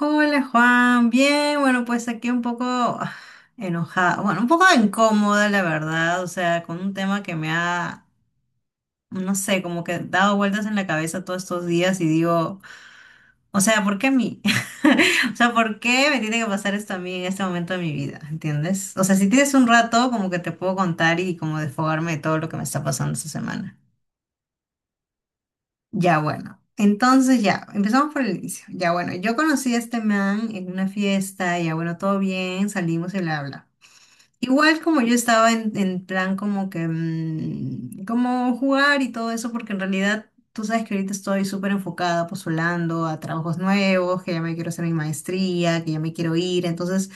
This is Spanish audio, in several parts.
Hola Juan, bien, bueno, pues aquí un poco enojada, bueno, un poco incómoda la verdad, o sea, con un tema que me ha, no sé, como que dado vueltas en la cabeza todos estos días y digo, o sea, ¿por qué a mí? O sea, ¿por qué me tiene que pasar esto a mí en este momento de mi vida? ¿Entiendes? O sea, si tienes un rato, como que te puedo contar y como desfogarme de todo lo que me está pasando esta semana. Ya bueno, entonces ya, empezamos por el inicio. Ya bueno, yo conocí a este man en una fiesta, ya bueno, todo bien, salimos y bla, bla. Igual como yo estaba en plan como que, como jugar y todo eso, porque en realidad tú sabes que ahorita estoy súper enfocada, postulando a trabajos nuevos, que ya me quiero hacer mi maestría, que ya me quiero ir. Entonces,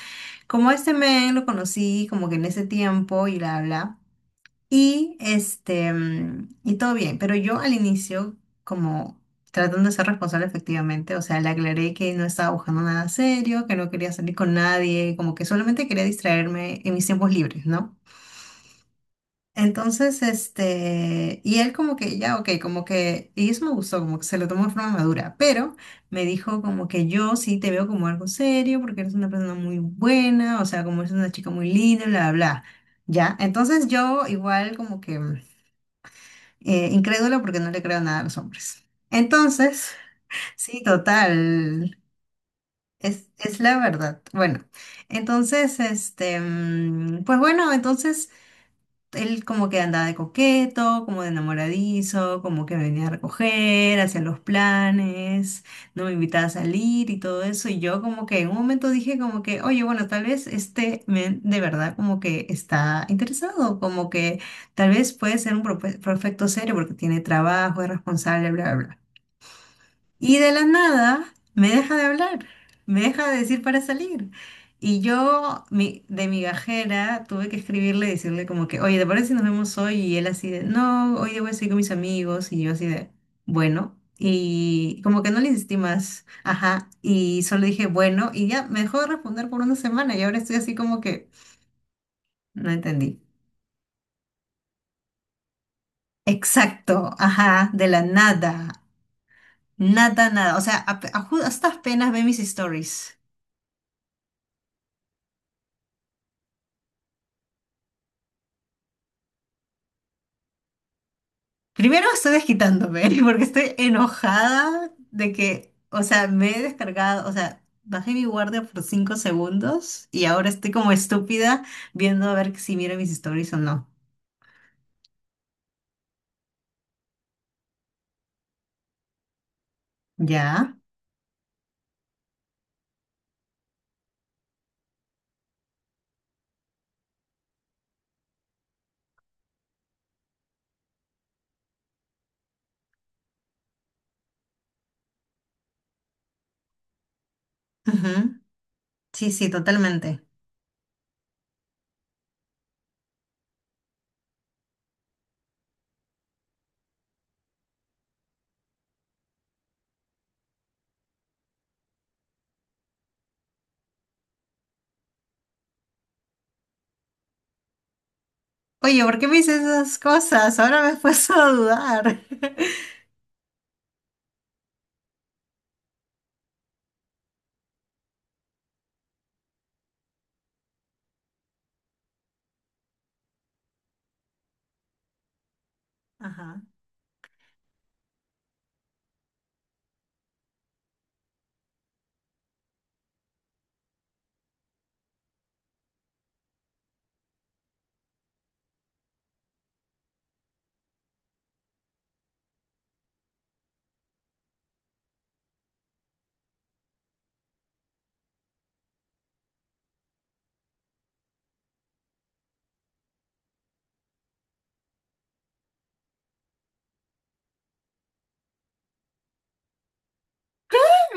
como a este man lo conocí como que en ese tiempo y bla, bla. Y este, y todo bien, pero yo al inicio, como tratando de ser responsable efectivamente, o sea, le aclaré que no estaba buscando nada serio, que no quería salir con nadie, como que solamente quería distraerme en mis tiempos libres, ¿no? Entonces, este, y él como que ya, ok, como que, y eso me gustó, como que se lo tomó de forma madura, pero me dijo como que yo sí te veo como algo serio, porque eres una persona muy buena, o sea, como eres una chica muy linda, bla, bla, bla. Ya, entonces yo igual como que... incrédula porque no le creo nada a los hombres. Entonces, sí, total, es la verdad. Bueno, entonces, este, pues bueno, entonces él como que andaba de coqueto, como de enamoradizo, como que me venía a recoger, hacía los planes, no me invitaba a salir y todo eso. Y yo como que en un momento dije como que, oye, bueno, tal vez este men de verdad como que está interesado, como que tal vez puede ser un perfecto serio porque tiene trabajo, es responsable, bla, bla, bla. Y de la nada me deja de hablar, me deja de decir para salir. Y yo de migajera tuve que escribirle y decirle como que, oye, ¿te parece si nos vemos hoy? Y él así de, no, hoy día voy a salir con mis amigos. Y yo así de, bueno. Y como que no le insistí más, ajá. Y solo dije, bueno, y ya me dejó de responder por una semana y ahora estoy así como que, no entendí. Exacto, ajá, de la nada, nada, nada. O sea, hasta apenas ve mis stories. Primero estoy desquitándome porque estoy enojada de que, o sea, me he descargado, o sea, bajé mi guardia por 5 segundos y ahora estoy como estúpida viendo a ver si miro mis stories o no. ¿Ya? Ujú. Sí, sí, totalmente. Oye, ¿por qué me dices esas cosas? Ahora me he puesto a dudar. Ajá.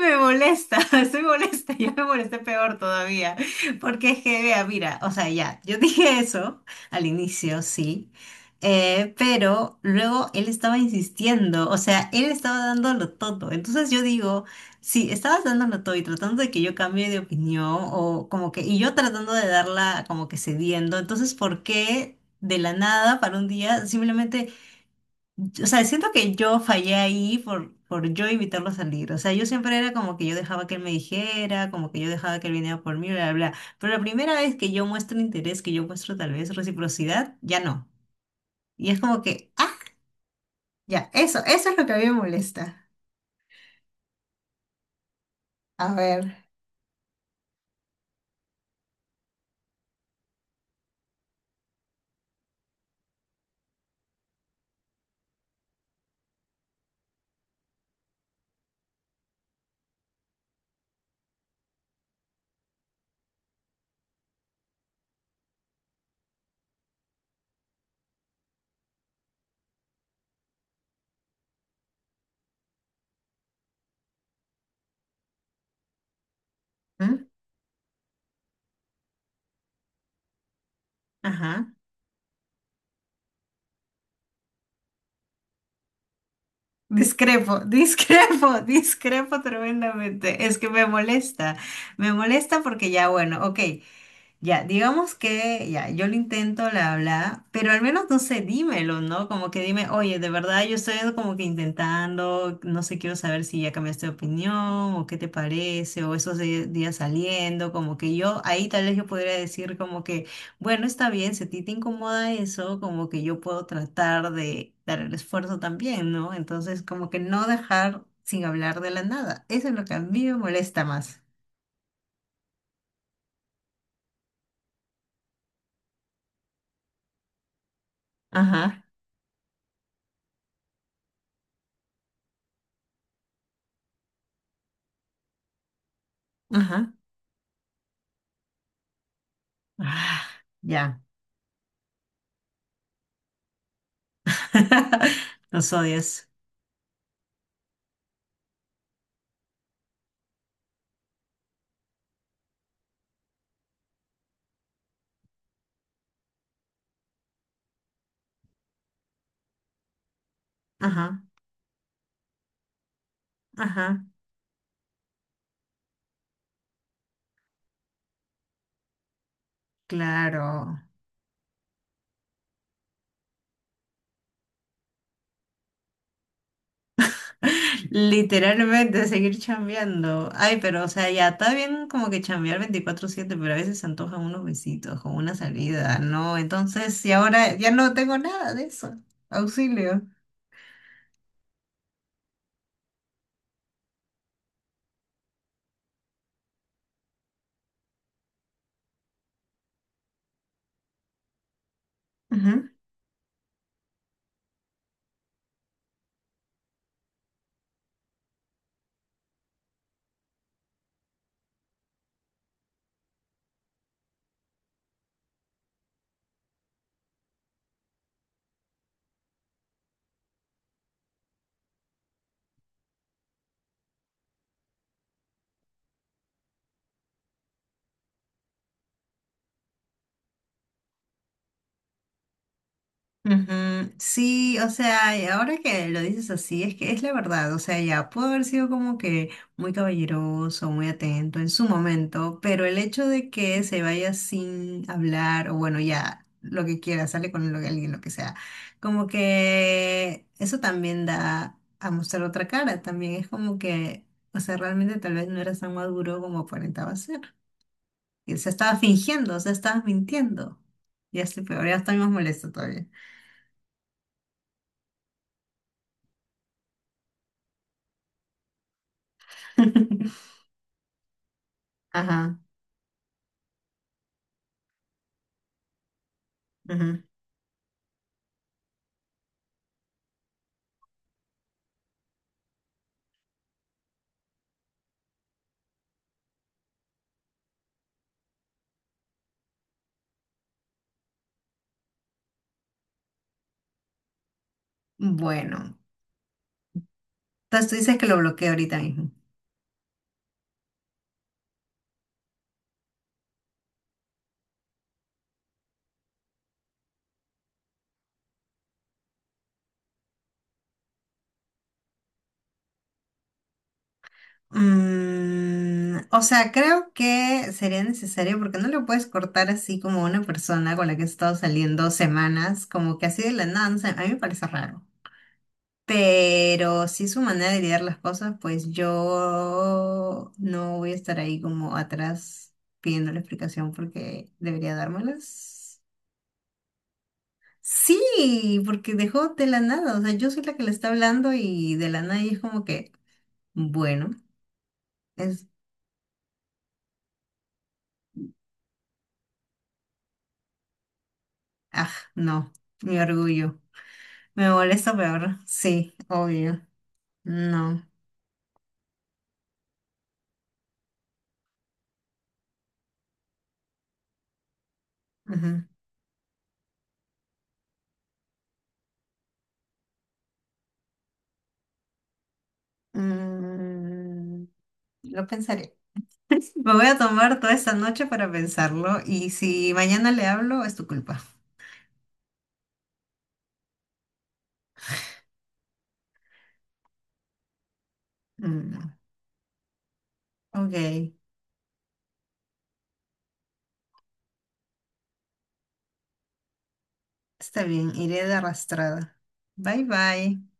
Me molesta, estoy molesta, yo me molesté peor todavía, porque es que, vea, mira, o sea, ya, yo dije eso al inicio, sí, pero luego él estaba insistiendo, o sea, él estaba dándolo todo, entonces yo digo, si estabas dándolo todo y tratando de que yo cambie de opinión, o como que, y yo tratando de darla como que cediendo, entonces, ¿por qué de la nada para un día simplemente... O sea, siento que yo fallé ahí por yo invitarlo a salir. O sea, yo siempre era como que yo dejaba que él me dijera, como que yo dejaba que él viniera por mí, bla, bla, bla. Pero la primera vez que yo muestro interés, que yo muestro tal vez reciprocidad, ya no. Y es como que, ah, ya, eso es lo que a mí me molesta. A ver, ¿mm? Ajá. Discrepo, discrepo, discrepo tremendamente. Es que me molesta. Me molesta porque ya, bueno, ok. Ya, digamos que ya, yo lo intento, la habla, pero al menos no sé, dímelo, ¿no? Como que dime, oye, de verdad yo estoy como que intentando, no sé, quiero saber si ya cambiaste de opinión o qué te parece, o esos días saliendo, como que yo ahí tal vez yo podría decir como que, bueno, está bien, si a ti te incomoda eso, como que yo puedo tratar de dar el esfuerzo también, ¿no? Entonces, como que no dejar sin hablar de la nada, eso es lo que a mí me molesta más. Ajá, ajá. Ah, ya. Los odias. Ajá, ajá, claro. Literalmente seguir chambeando. Ay, pero o sea, ya está bien como que chambear 24/7, pero a veces se antojan unos besitos o una salida, ¿no? Entonces, y ahora ya no tengo nada de eso. Auxilio. Ujú, sí, o sea, y ahora que lo dices así, es que es la verdad, o sea, ya pudo haber sido como que muy caballeroso, muy atento en su momento, pero el hecho de que se vaya sin hablar, o bueno, ya lo que quiera, sale con lo que alguien, lo que sea, como que eso también da a mostrar otra cara, también es como que, o sea, realmente tal vez no eras tan maduro como aparentaba ser, y se estaba fingiendo, o sea, estabas mintiendo, ya estoy peor, ya estoy más molesta todavía. Ajá, ajá. Bueno, entonces tú dices que lo bloqueo ahorita mismo. Mm, o sea, creo que sería necesario porque no lo puedes cortar así como una persona con la que he estado saliendo semanas, como que así de la nada, no sé, a mí me parece raro. Pero si es su manera de lidiar las cosas, pues yo no voy a estar ahí como atrás pidiendo la explicación porque debería dármelas. Sí, porque dejó de la nada, o sea, yo soy la que le está hablando y de la nada y es como que, bueno, es, ah, no, mi orgullo. Me molesta peor, sí, obvio, no. Ujú. Mm, lo pensaré. Me voy a tomar toda esta noche para pensarlo y si mañana le hablo, es tu culpa. Mm, ok, está bien, iré de arrastrada. Bye bye.